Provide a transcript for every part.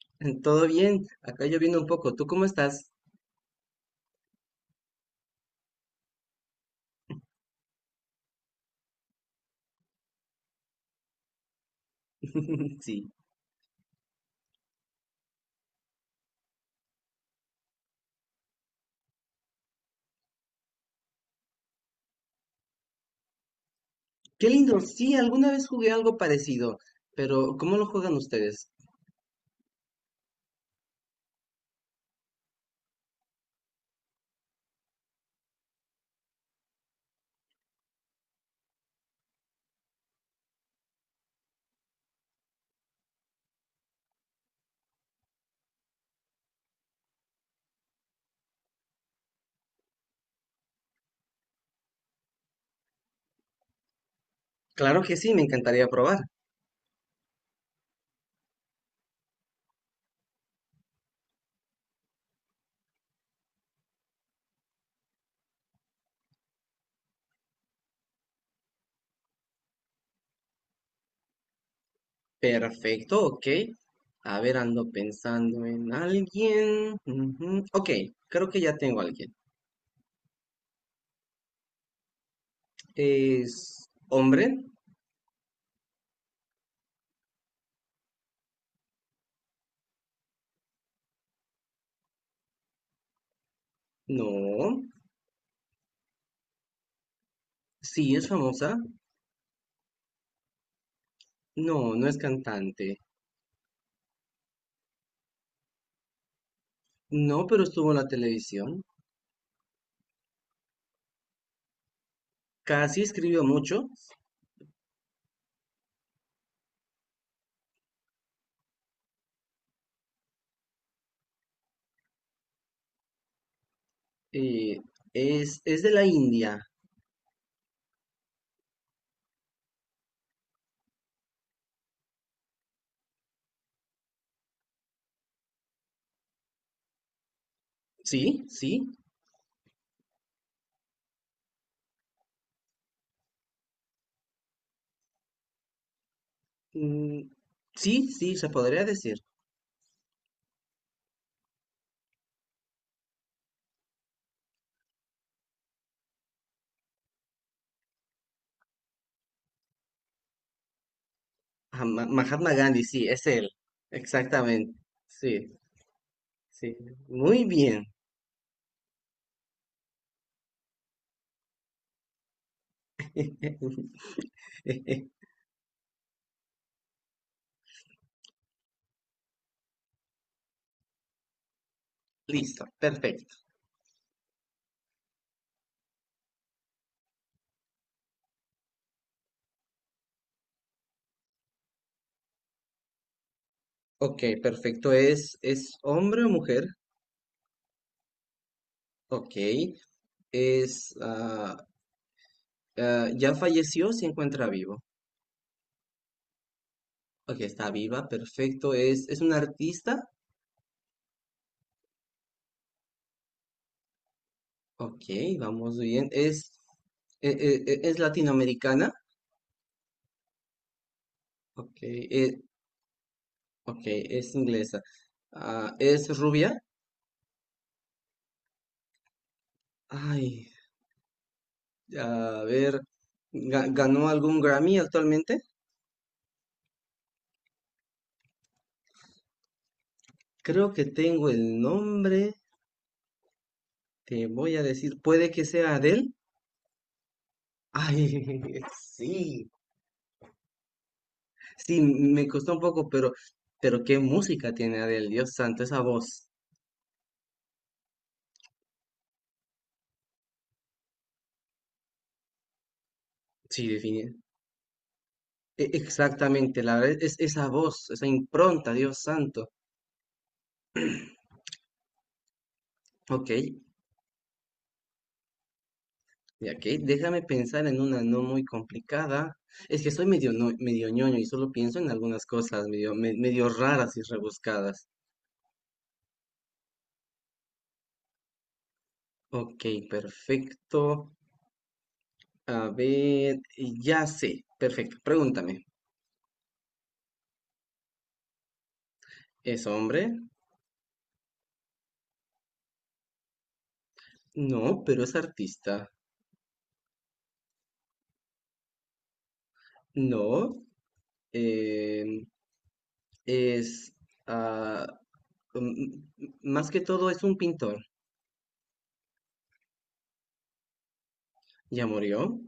Todo bien, acá lloviendo un poco. ¿Tú cómo estás? Sí. Qué lindo. Sí, alguna vez jugué algo parecido, pero ¿cómo lo juegan ustedes? Claro que sí, me encantaría probar. Perfecto, ok. A ver, ando pensando en alguien. Ujú, ok, creo que ya tengo a alguien. ¿Es hombre? No. Sí, es famosa. No, no es cantante. No, pero estuvo en la televisión. Casi escribió mucho. Eh, es de la India. Sí, sí. Mm, sí, sí, se podría decir. Ah, Mahatma Gandhi, sí, es él. Exactamente. Sí, sí. Muy bien. Listo, perfecto. Ok, perfecto. Es hombre o mujer? Ok. Es, ah, ¿ya falleció? ¿O se encuentra vivo? Ok, está viva, perfecto. Es una artista? Ok, vamos bien. ¿Es, es latinoamericana? Ok, e- ok, es inglesa. Ah, ¿es rubia? Ay, a ver, ¿ganó algún Grammy actualmente? Creo que tengo el nombre, te voy a decir, puede que sea Adele. Ay, sí, sí, me costó un poco, pero qué música tiene Adele, Dios santo, esa voz. Sí, exactamente, la verdad es esa voz, esa impronta, Dios santo. Ok, y aquí déjame pensar en una no muy complicada. Es que soy medio, medio ñoño y solo pienso en algunas cosas medio, medio raras y rebuscadas. Ok, perfecto. A ver, ya sé, perfecto. Pregúntame, ¿es hombre? No, pero es artista. No, em, es... ah, mm, más que todo es un pintor. ¿Ya murió?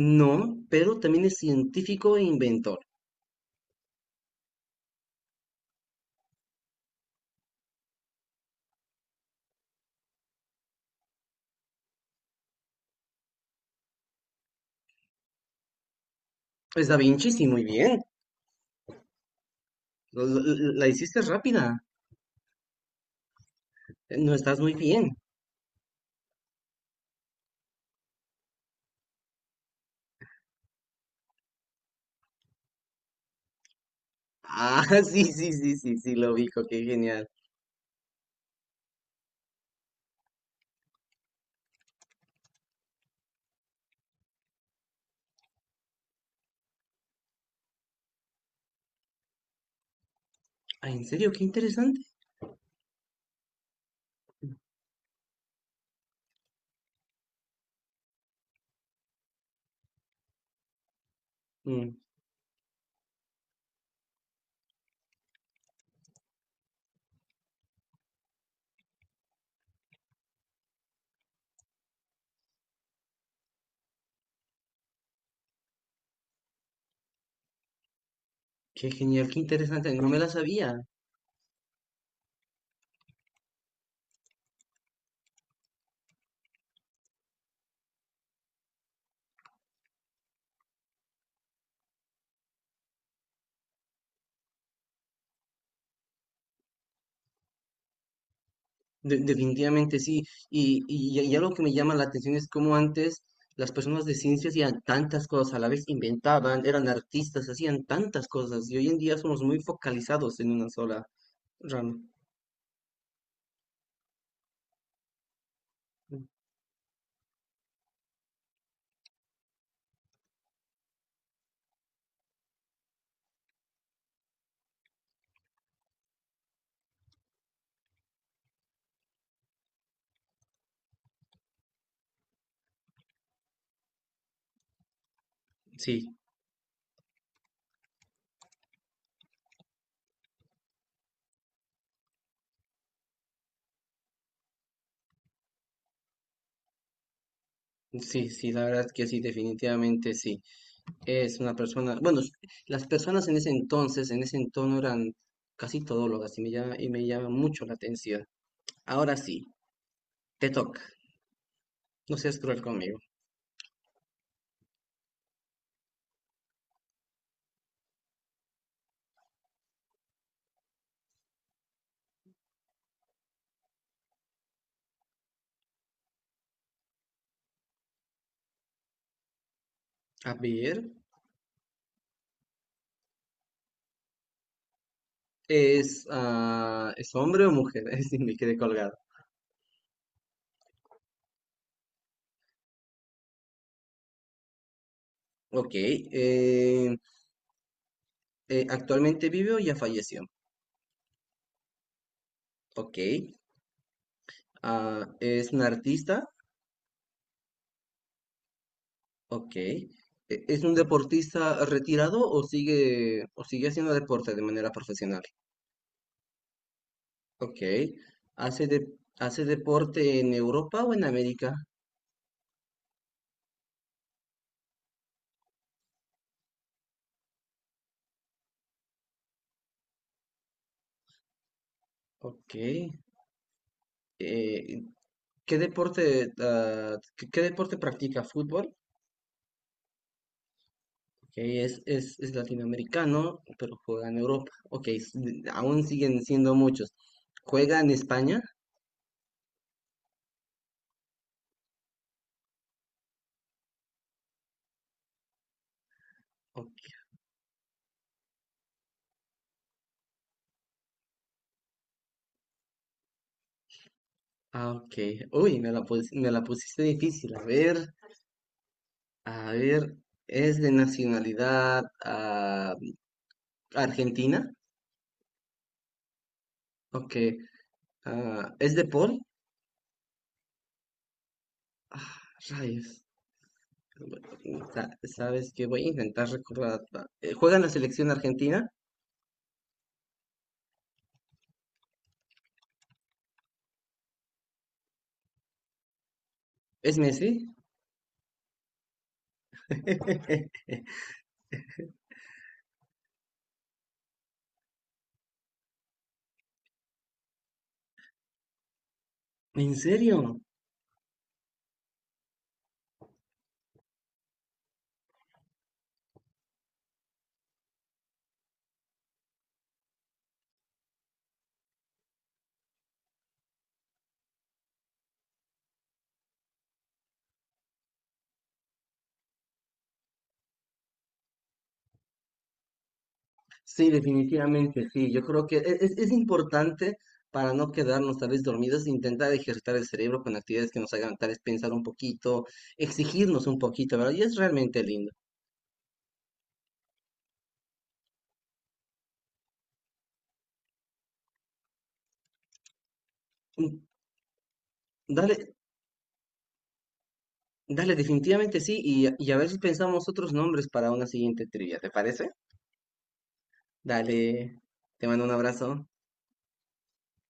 No, pero también es científico e inventor. Es Da Vinci, sí, muy bien. Hiciste rápida. No estás muy bien. Ah, sí, sí, sí, sí, sí, lo dijo qué genial. Ah, ¿en serio? Qué interesante. Mm, qué genial, qué interesante. No me la sabía. De- definitivamente sí. Y algo que me llama la atención es cómo antes las personas de ciencias hacían tantas cosas a la vez, inventaban, eran artistas, hacían tantas cosas. Y hoy en día somos muy focalizados en una sola rama. Sí, sí, sí, la verdad que sí, definitivamente sí. Es una persona, bueno, las personas en ese entonces, en ese entorno eran casi todólogas y me llama mucho la atención. Ahora sí, te toca, no seas cruel conmigo. A ver, ¿es hombre o mujer? Sí, me quedé colgado. Ok, ¿actualmente vive o ya falleció? Ok, ah, ¿es un artista? Ok. ¿Es un deportista retirado o sigue haciendo deporte de manera profesional? Ok. ¿Hace, de- ¿hace deporte en Europa o en América? Ok. Eh, ¿qué, qué deporte practica? ¿Fútbol? Ok, es latinoamericano, pero juega en Europa. Aún siguen siendo muchos. ¿Juega en España? Ok. Ah, ok. Uy, me la pusiste difícil. A ver. A ver, es de nacionalidad argentina. Ok. Ah, ¿es de Paul? Ah, rayos. Bueno, ¿sabes qué? Voy a intentar recordar. ¿Juega en la selección argentina? ¿Es Messi? ¿En serio? Sí, definitivamente, sí. Yo creo que es importante para no quedarnos tal vez dormidos, intentar ejercitar el cerebro con actividades que nos hagan tal vez pensar un poquito, exigirnos un poquito, ¿verdad? Y es realmente lindo. Mm, dale, dale, definitivamente sí, y, y a ver si pensamos otros nombres para una siguiente trivia, ¿te parece? Dale, te mando un abrazo.